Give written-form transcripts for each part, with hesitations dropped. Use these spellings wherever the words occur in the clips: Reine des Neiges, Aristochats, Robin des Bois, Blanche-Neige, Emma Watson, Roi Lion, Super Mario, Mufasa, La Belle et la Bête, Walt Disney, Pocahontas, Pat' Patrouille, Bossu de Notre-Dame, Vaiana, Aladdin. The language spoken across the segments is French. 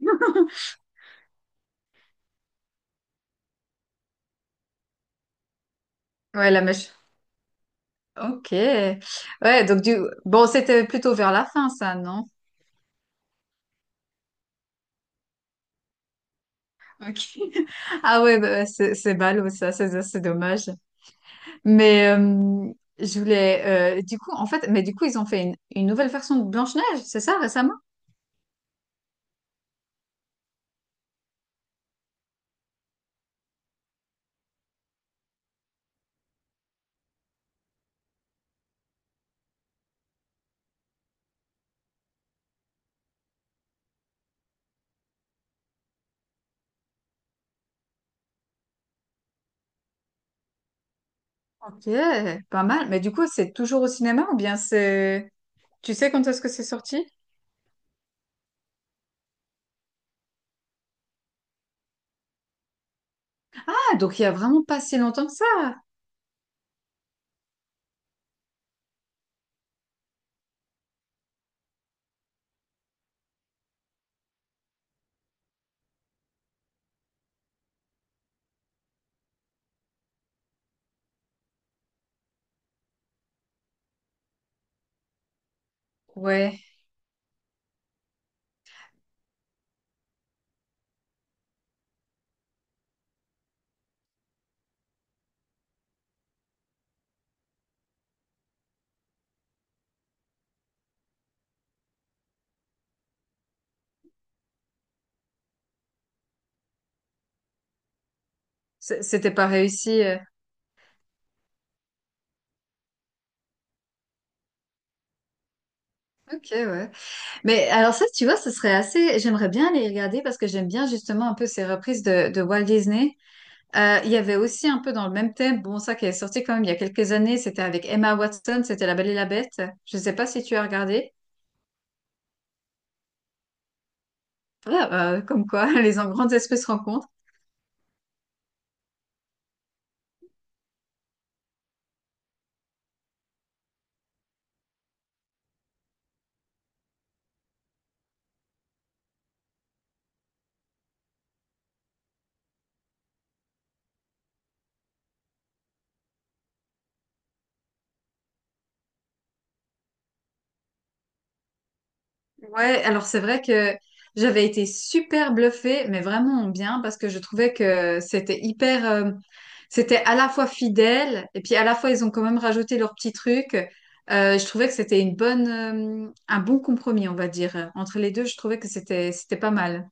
Ouais, la mèche. Ok. Ouais, donc du... Bon, c'était plutôt vers la fin, ça, non? Ok. Ah ouais, bah, ouais, c'est ballot, ça, c'est dommage. Mais je voulais... du coup, en fait, mais du coup, ils ont fait une nouvelle version de Blanche-Neige, c'est ça, récemment? Ok, pas mal. Mais du coup, c'est toujours au cinéma ou bien c'est... Tu sais quand est-ce que c'est sorti? Ah, donc il y a vraiment pas si longtemps que ça. Ouais, c- c'était pas réussi. Ok, ouais. Mais alors ça, tu vois, ce serait assez... J'aimerais bien les regarder parce que j'aime bien justement un peu ces reprises de Walt Disney. Il y avait aussi un peu dans le même thème, bon, ça qui est sorti quand même il y a quelques années, c'était avec Emma Watson, c'était La Belle et la Bête. Je ne sais pas si tu as regardé. Ah, bah, comme quoi, les grandes espèces se rencontrent. Ouais, alors c'est vrai que j'avais été super bluffée, mais vraiment en bien, parce que je trouvais que c'était hyper, c'était à la fois fidèle, et puis à la fois ils ont quand même rajouté leurs petits trucs. Je trouvais que c'était une bonne, un bon compromis, on va dire. Entre les deux, je trouvais que c'était, c'était pas mal.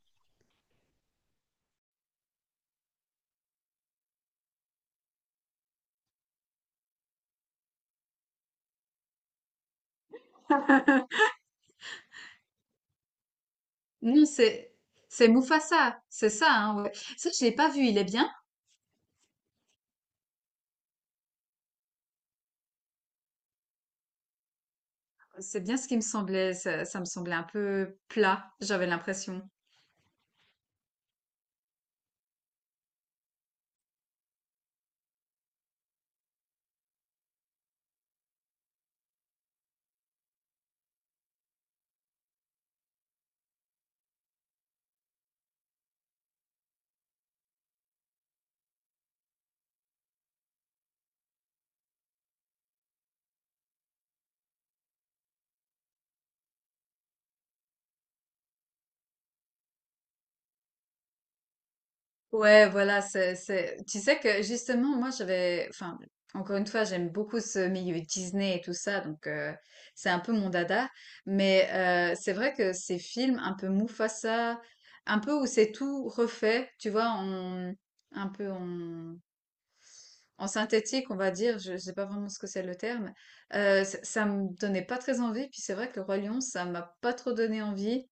Non, c'est Mufasa, c'est ça, hein, ouais. Ça, je l'ai pas vu, il est bien. C'est bien ce qui me semblait, ça me semblait un peu plat, j'avais l'impression. Ouais, voilà, c'est... Tu sais que justement, moi, j'avais... Enfin, encore une fois, j'aime beaucoup ce milieu Disney et tout ça, donc c'est un peu mon dada. Mais c'est vrai que ces films un peu Mufasa, un peu où c'est tout refait, tu vois, en, un peu en, en synthétique, on va dire, je sais pas vraiment ce que c'est le terme, ça, ça me donnait pas très envie. Puis c'est vrai que le Roi Lion, ça m'a pas trop donné envie.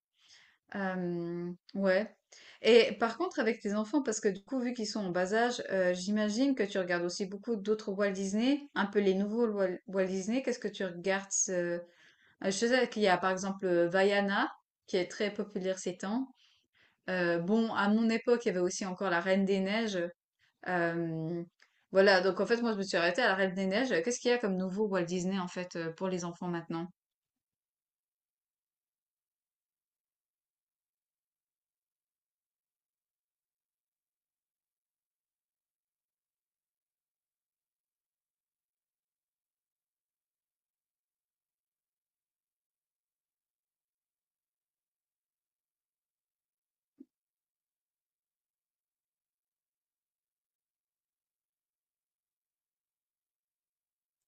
Ouais. Et par contre, avec tes enfants, parce que du coup, vu qu'ils sont en bas âge, j'imagine que tu regardes aussi beaucoup d'autres Walt Disney, un peu les nouveaux Wal- Walt Disney. Qu'est-ce que tu regardes je sais qu'il y a par exemple Vaiana, qui est très populaire ces temps. Bon, à mon époque, il y avait aussi encore la Reine des Neiges. Euh, voilà, donc en fait, moi, je me suis arrêtée à la Reine des Neiges. Qu'est-ce qu'il y a comme nouveau Walt Disney, en fait, pour les enfants maintenant?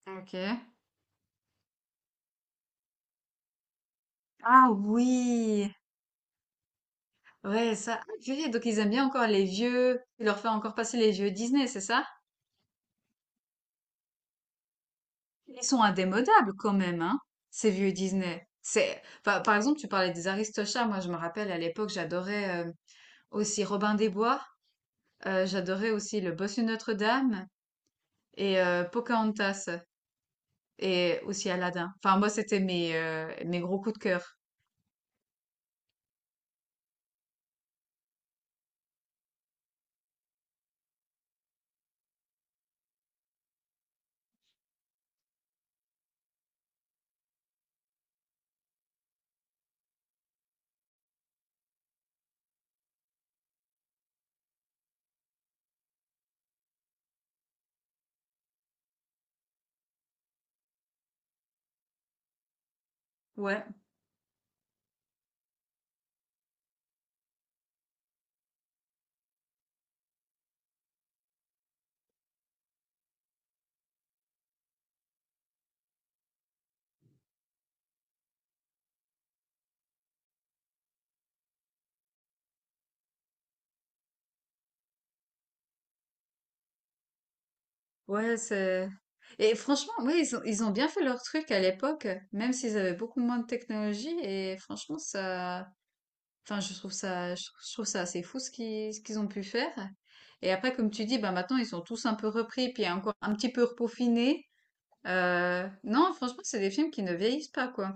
Ok. Ah oui! Ouais, ça. Ah, purée, donc ils aiment bien encore les vieux. Tu leur fais encore passer les vieux Disney, c'est ça? Ils sont indémodables quand même, hein, ces vieux Disney. C'est, enfin, par exemple, tu parlais des Aristochats. Moi, je me rappelle à l'époque, j'adorais aussi Robin des Bois. J'adorais aussi Le Bossu de Notre-Dame et Pocahontas et aussi Aladdin. Enfin, moi, c'était mes mes gros coups de cœur. Ouais. Ouais, c'est... Et franchement, ouais, ils ont bien fait leur truc à l'époque, même s'ils avaient beaucoup moins de technologie. Et franchement, ça, enfin, je trouve ça, je trouve ça assez fou ce qu'ils ont pu faire. Et après, comme tu dis, bah maintenant, ils sont tous un peu repris, puis encore un petit peu repaufinés. Non, franchement, c'est des films qui ne vieillissent pas, quoi.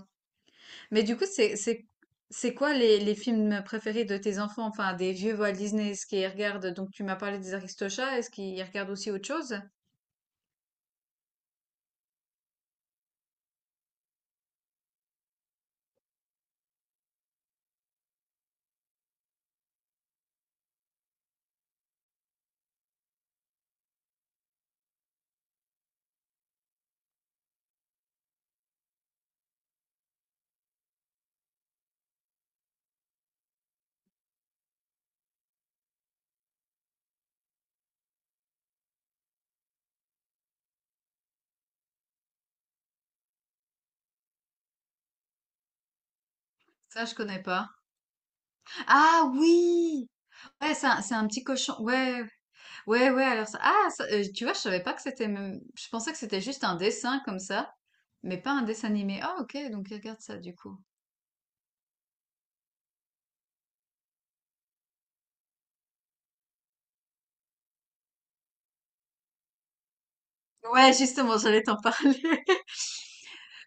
Mais du coup, c'est quoi les films préférés de tes enfants? Enfin, des vieux Walt Disney, est-ce qu'ils regardent? Donc, tu m'as parlé des Aristochats, est-ce qu'ils regardent aussi autre chose? Ça, je connais pas. Ah oui! Ouais, c'est un petit cochon. Ouais, ouais, ouais, alors ça ah ça, tu vois, je savais pas que c'était même je pensais que c'était juste un dessin comme ça, mais pas un dessin animé. Ah OK, donc regarde ça du coup. Ouais, justement, j'allais t'en parler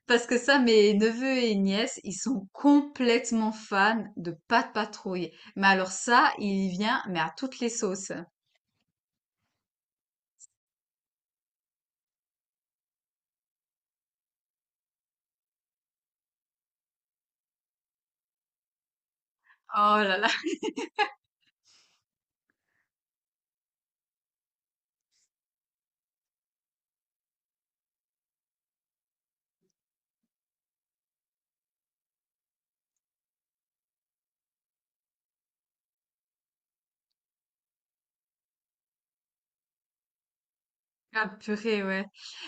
parce que ça, mes neveux et nièces, ils sont complètement fans de Pat' Patrouille. Mais alors ça, il y vient, mais à toutes les sauces. Oh là là! Ah purée, ouais.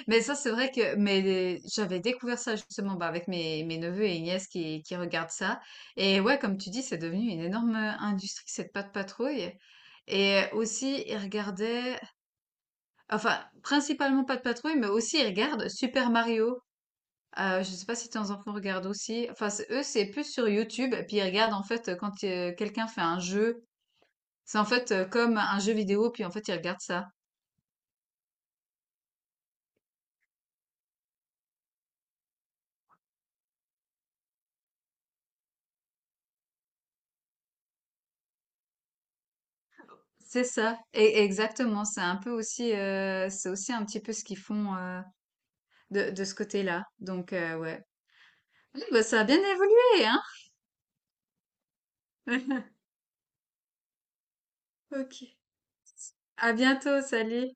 Mais ça, c'est vrai que mais j'avais découvert ça justement bah, avec mes neveux et nièces qui regardent ça. Et ouais, comme tu dis, c'est devenu une énorme industrie, cette pâte patrouille. Et aussi, ils regardaient, enfin, principalement pas de patrouille, mais aussi ils regardent Super Mario. Je sais pas si tes enfants regardent aussi. Enfin, c'est- eux, c'est plus sur YouTube. Et puis ils regardent en fait quand quelqu'un fait un jeu. C'est en fait comme un jeu vidéo, puis en fait ils regardent ça. C'est ça, et exactement. C'est un peu aussi, c'est aussi un petit peu ce qu'ils font de ce côté-là. Donc ouais, ah, bah, ça a bien évolué, hein. Ok. À bientôt, salut.